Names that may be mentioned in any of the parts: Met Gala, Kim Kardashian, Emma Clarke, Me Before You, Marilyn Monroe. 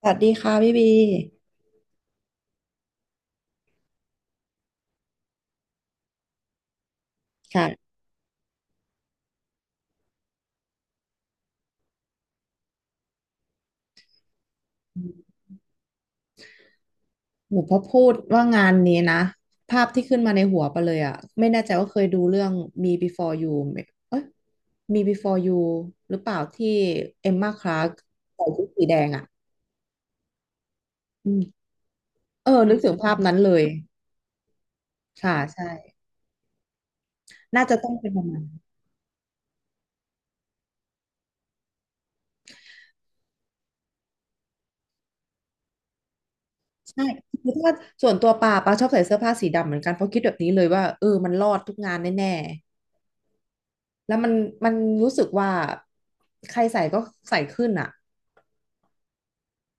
สวัสดีค่ะพี่บีค่ะหนูพอพูดว่างานนี้นะภาพที่ขึ้นมาในหัวไปเลยอะไม่แน่ใจว่าเคยดูเรื่อง Me Before You ไหมเอ้ย Me Before You หรือเปล่าที่เอมมาคลาร์กใส่ชุดสีแดงอะอืมเออนึกถึงภาพนั้นเลยค่ะใช่น่าจะต้องเป็นประมาณนั้นใช่คือถ้าส่วนตัวปาปาชอบใส่เสื้อผ้าสีดำเหมือนกันเพราะคิดแบบนี้เลยว่าเออมันรอดทุกงานแน่ๆแล้วมันมันรู้สึกว่าใครใส่ก็ใส่ขึ้นอะ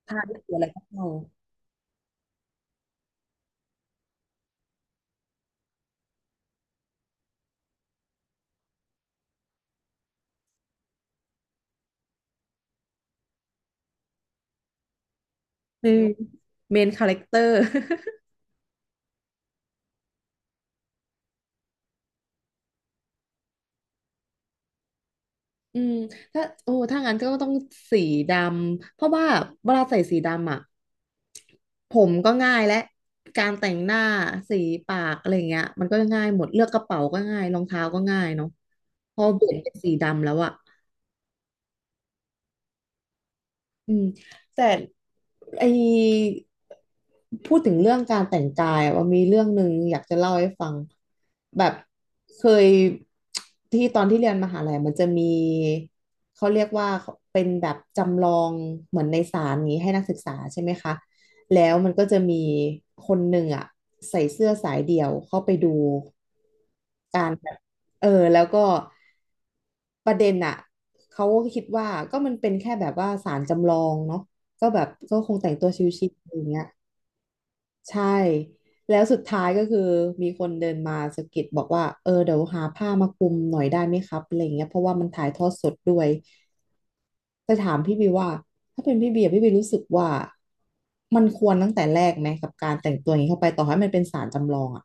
ทานไม่เสีอะไรก็เอาเออเมนคาแรคเตอร์ อืมถ้าโอ้ถ้างั้นก็ต้องสีดำเพราะว่าเวลาใส่สีดำอ่ะผมก็ง่ายและการแต่งหน้าสีปากอะไรเงี้ยมันก็ง่ายหมดเลือกกระเป๋าก็ง่ายรองเท้าก็ง่ายเนาะพอเปลี่ยนเป็นสีดำแล้วอ่ะ อืมแต่ไอพูดถึงเรื่องการแต่งกายอะว่ามีเรื่องหนึ่งอยากจะเล่าให้ฟังแบบเคยที่ตอนที่เรียนมหาลัยมันจะมีเขาเรียกว่าเป็นแบบจำลองเหมือนในศาลนี้ให้นักศึกษาใช่ไหมคะแล้วมันก็จะมีคนหนึ่งอ่ะใส่เสื้อสายเดี่ยวเข้าไปดู เออแล้วก็ประเด็นอ่ะเขาก็คิดว่าก็มันเป็นแค่แบบว่าศาลจำลองเนาะก็แบบก็คงแต่งตัวชิวๆอย่างเงี้ยใช่แล้วสุดท้ายก็คือมีคนเดินมาสะกิดบอกว่าเออเดี๋ยวหาผ้ามาคลุมหน่อยได้ไหมครับอะไรเงี้ยเพราะว่ามันถ่ายทอดสดด้วยจะถามพี่บีว่าถ้าเป็นพี่บีอะพี่บีรู้สึกว่ามันควรตั้งแต่แรกไหมกับการแต่งตัวอย่างนี้เข้าไปต่อให้มันเป็นศาลจำลองอ่ะ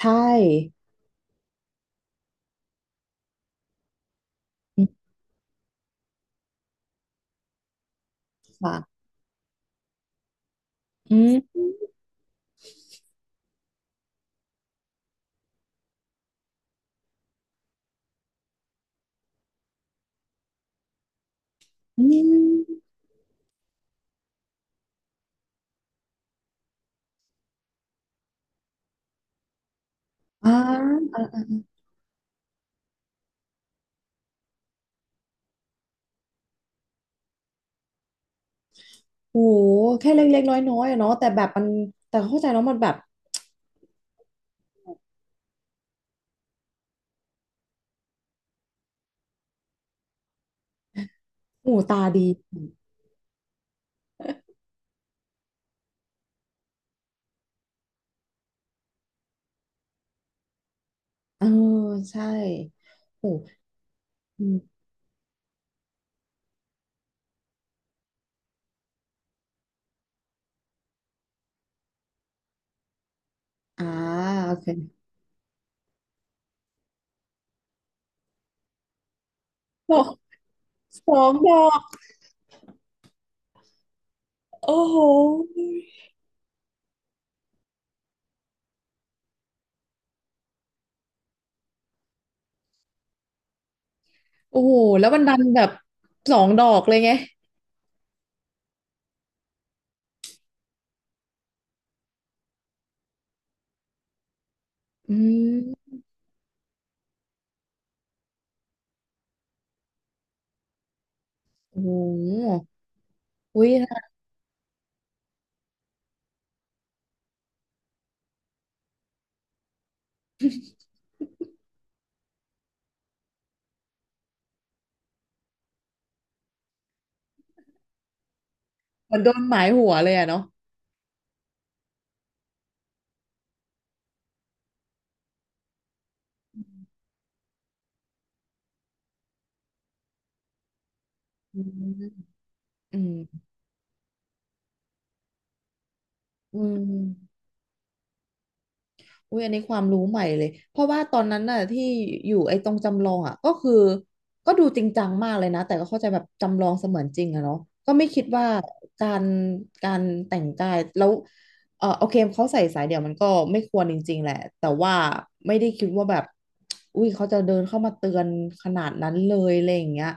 ใช่อืมค่ะอืมอืมอ่า โอ้โหแค่เล็กๆน้อยๆอะเนาะแต่แบบมันแต่เข้าใจแล้วมันแบบหูตาดีเออใช่ โอ้อมอ่าโอเคดอกสองดอกโอ้โหโอ้โห แล้วมันดันแบบสองดอกเลยไง อืมโอ้โหอุ้ยเหมือนโดนหมายหัวเลยอะเนาะอืม อืมอืม อุ้ยอันนี้ความรู้ใหม่เลยเพราะว่าตอนนั้นน่ะที่อยู่ไอ้ตรงจำลองอ่ะก็คือก็ดูจริงจังมากเลยนะแต่ก็เข้าใจแบบจำลองเสมือนจริงอะเนาะก็ไม่คิดว่าการแต่งกายแล้วเออโอเคเขาใส่สายเดี่ยวมันก็ไม่ควรจริงๆแหละแต่ว่าไม่ได้คิดว่าแบบอุ้ยเขาจะเดินเข้ามาเตือนขนาดนั้นเลยอะไรอย่างเงี้ย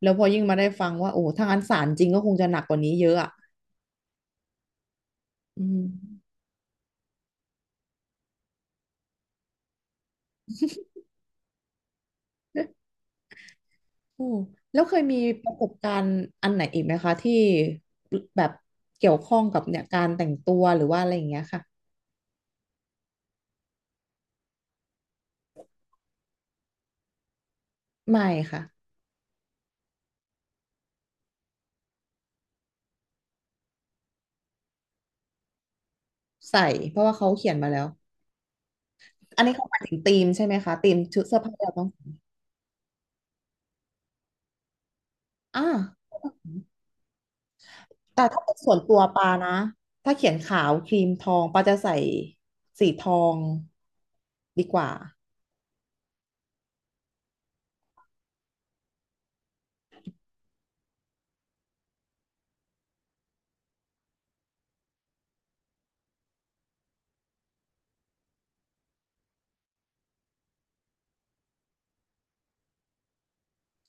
แล้วพอยิ่งมาได้ฟังว่าโอ้ถ้างั้นศาลจริงก็คงจะหนักกว่านี้เยอะอะอืม อืมแล้วเคยมีประสบการณ์อันไหนอีกไหมคะที่แบบเกี่ยวข้องกับเนี่ยการแต่งตัวหรือว่าอะไรอย่างเงี้ยค่ะไม่ค่ะใส่เพราะว่าเขาเขียนมาแล้วอันนี้เขาหมายถึงธีมใช่ไหมคะธีมชุดเสื้อผ้าที่เราต้องใส่อ่าแต่ถ้าเป็นส่วนตัวปานะถ้าเขียนขาวครีมทองปาจะใส่สีทองดีกว่า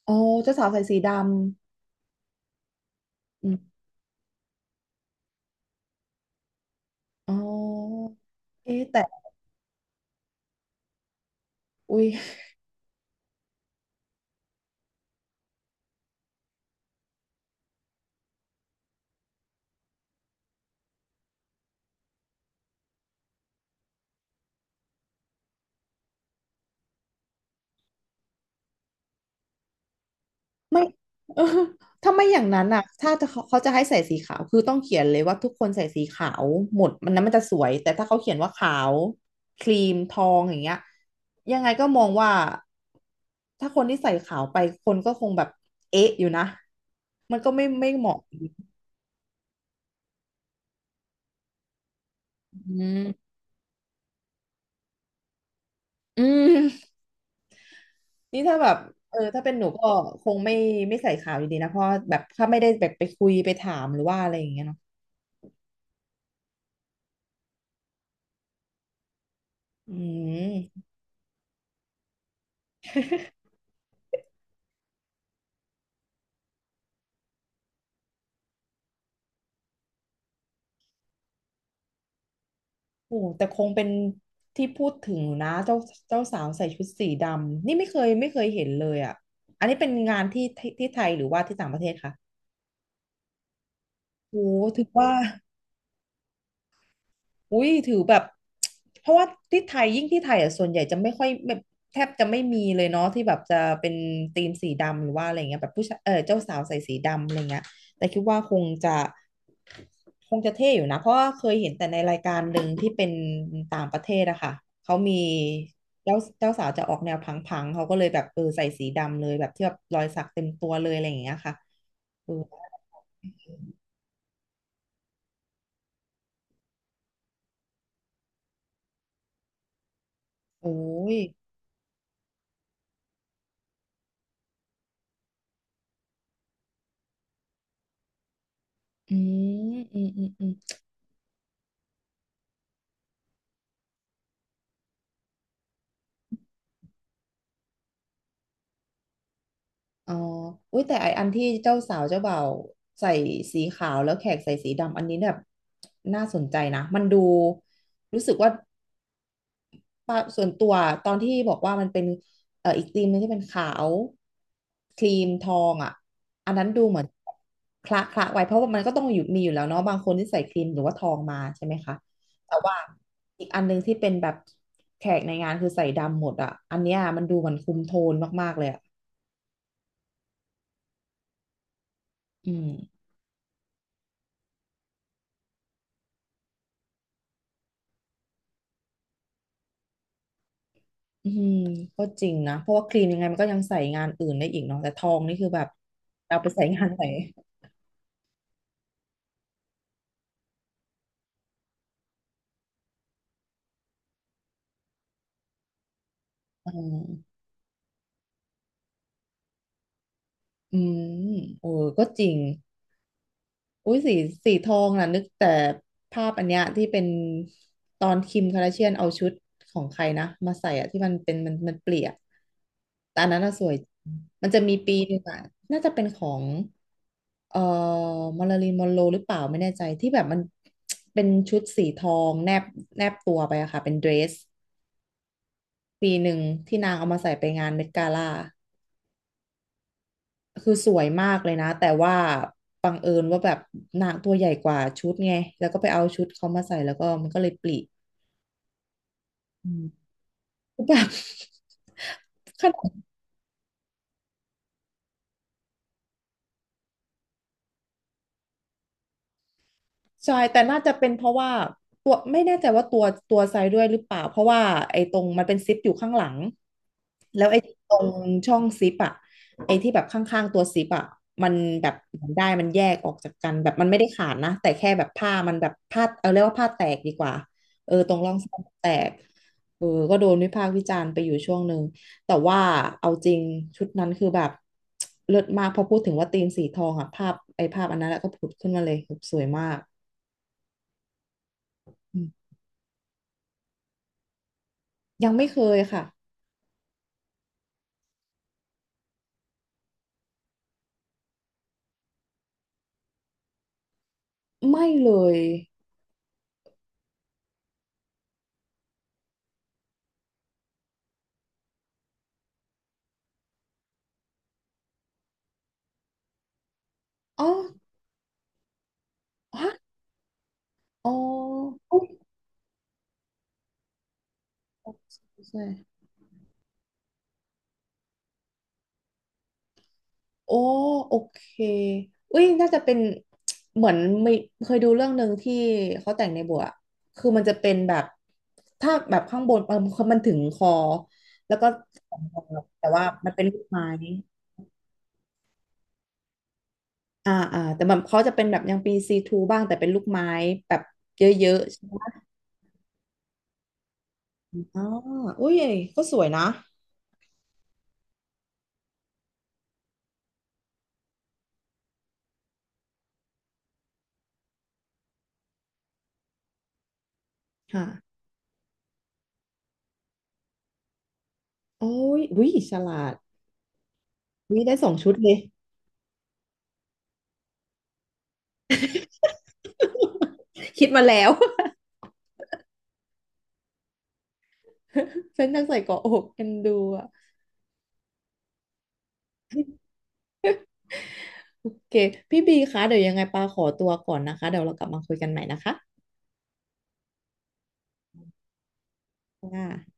อ๋อเจ้าสาวใส่สีดำอืมอ๋อเอ๊ะแต่อุ้ย ไม่ เออถ้าไม่อย่างนั้นอ่ะถ้าจะเขาเขาจะให้ใส่สีขาวคือต้องเขียนเลยว่าทุกคนใส่สีขาวหมดมันนั้นมันจะสวยแต่ถ้าเขาเขียนว่าขาวครีมทองอย่างเงี้ยยังไงก็มองว่าถ้าคนที่ใส่ขาวไปคนก็คงแบบเอ๊ะอยู่นะมันก็ไม่เหมาะอืมอืมนี่ถ้าแบบเออถ้าเป็นหนูก็คงไม่ใส่ขาวอยู่ดีนะเพราะแบบถ้าไม่ได้แบบไปคุยไปถามหรือว่าอะไรอย่างเงี้ยเนาะอืม โอ้แต่คงเป็นที่พูดถึงอยู่นะเจ้าสาวใส่ชุดสีดำนี่ไม่เคยเห็นเลยอ่ะอันนี้เป็นงานที่ที่ไทยหรือว่าที่ต่างประเทศคะโอ้ถือว่า อุ้ยถือแบบ เพราะว่าที่ไทยยิ่งที่ไทยอ่ะส่วนใหญ่จะไม่ค่อยแบบแทบจะไม่มีเลยเนาะที่แบบจะเป็นธีมสีดำหรือว่าอะไรเงี้ยแบบผู้ชายเออเจ้าสาวใส่สีดำอะไรเงี้ยแต่คิดว่าคงจะเท่อยู่นะเพราะว่าเคยเห็นแต่ในรายการหนึ่งที่เป็นต่างประเทศอะค่ะเขามีเจ้าสาวจะออกแนวพังๆเขาก็เลยแบบเออใส่สีดำเลยแบบที่แบบรอยสักเต็มตัวเลยอะไรอย่างเงี้ยค่ะเออโอ้ยอืมอืมอืมอืม อ๋ออุ้ยแต่ไออันที่เจ้าสาวเจ้าบ่าวใส่สีขาวแล้วแขกใส่สีดำอันนี้แบบน่าสนใจนะมันดูรู้สึกว่าปะส่วนตัวตอนที่บอกว่ามันเป็นอีกธีมหนึงที่เป็นขาวครีมทองอ่ะอันนั้นดูเหมือนคละไว้เพราะว่ามันก็ต้องอยู่มีอยู่แล้วเนาะบางคนที่ใส่ครีมหรือว่าทองมาใช่ไหมคะแต่ว่าอีกอันหนึงที่เป็นแบบแขกในงานคือใส่ดำหมดอ่ะอันเนี้ยมันดูเหมือนคุมโทนมากๆเลยอ่ะอืม อืมก็จริงนะเพราะว่าครีมยังไงมันก็ยังใส่งานอื่นได้อีกเนาะแต่ทองนี่คือแบบเอาไปใส่งานไหนอืมอืมโอ้ก็จริงอุ้ยสีสีทองน่ะนึกแต่ภาพอันเนี้ยที่เป็นตอนคิมคาราเชียนเอาชุดของใครนะมาใส่อะที่มันเป็นมันเปลี่ยนแต่อันนั้นน่ะสวยมันจะมีปีหนึงอะน่าจะเป็นของเอ่อมาริลีนมอนโรหรือเปล่าไม่แน่ใจที่แบบมันเป็นชุดสีทองแนบตัวไปอะค่ะเป็นเดรส ปีหนึ่งที่นางเอามาใส่ไปงานเมดกาล่าคือสวยมากเลยนะแต่ว่าบังเอิญว่าแบบนางตัวใหญ่กว่าชุดไงแล้วก็ไปเอาชุดเขามาใส่แล้วก็มันก็เลยปลิอืม แบบ ขนาด ใช่แต่น่าจะเป็นเพราะว่าตัวไม่แน่ใจว่าตัวไซด์ด้วยหรือเปล่า เพราะว่าไอ้ตรงมันเป็นซิปอยู่ข้างหลัง แล้วไอ้ตรงช่องซิปอะไอ้ที่แบบข้างๆตัวซิปอะมันแบบมันได้มันแยกออกจากกันแบบมันไม่ได้ขาดนะแต่แค่แบบผ้ามันแบบผ้าเอาเรียกว่าผ้าแตกดีกว่าเออตรงร่องซ่อมแตกเออก็โดนวิพากษ์วิจารณ์ไปอยู่ช่วงหนึ่งแต่ว่าเอาจริงชุดนั้นคือแบบเลิศมากพอพูดถึงว่าธีมสีทองอะภาพอันนั้นแล้วก็ผุดขึ้นมาเลยแบบสวยมาก อืมยังไม่เคยค่ะไม่เลยอ๋อฮะอ๋ออุ๊ยใช่โอ้โอเคอุ้ยน่าจะเป็น เหมือนไม่เคยดูเรื่องหนึ่งที่เขาแต่งในบัวอะคือมันจะเป็นแบบถ้าแบบข้างบนเออมันถึงคอแล้วก็แต่ว่ามันเป็นลูกไม้อ่าอ่าแต่แบบเขาจะเป็นแบบยังปีซีทูบ้างแต่เป็นลูกไม้แบบเยอะๆใช่ไหมอ๋ออุ้ยก็สวยนะค่ะโอ้ยอุ้ยฉลาด นี่ได้2 ชุดเลย คิดมาแล้ว ฉันจัใส่เกาะอกกันดูอ่ะโอเคพี่บีคะเดี๋ยวยังไงปาขอตัวก่อนนะคะเดี๋ยวเรากลับมาคุยกันใหม่นะคะค่ะ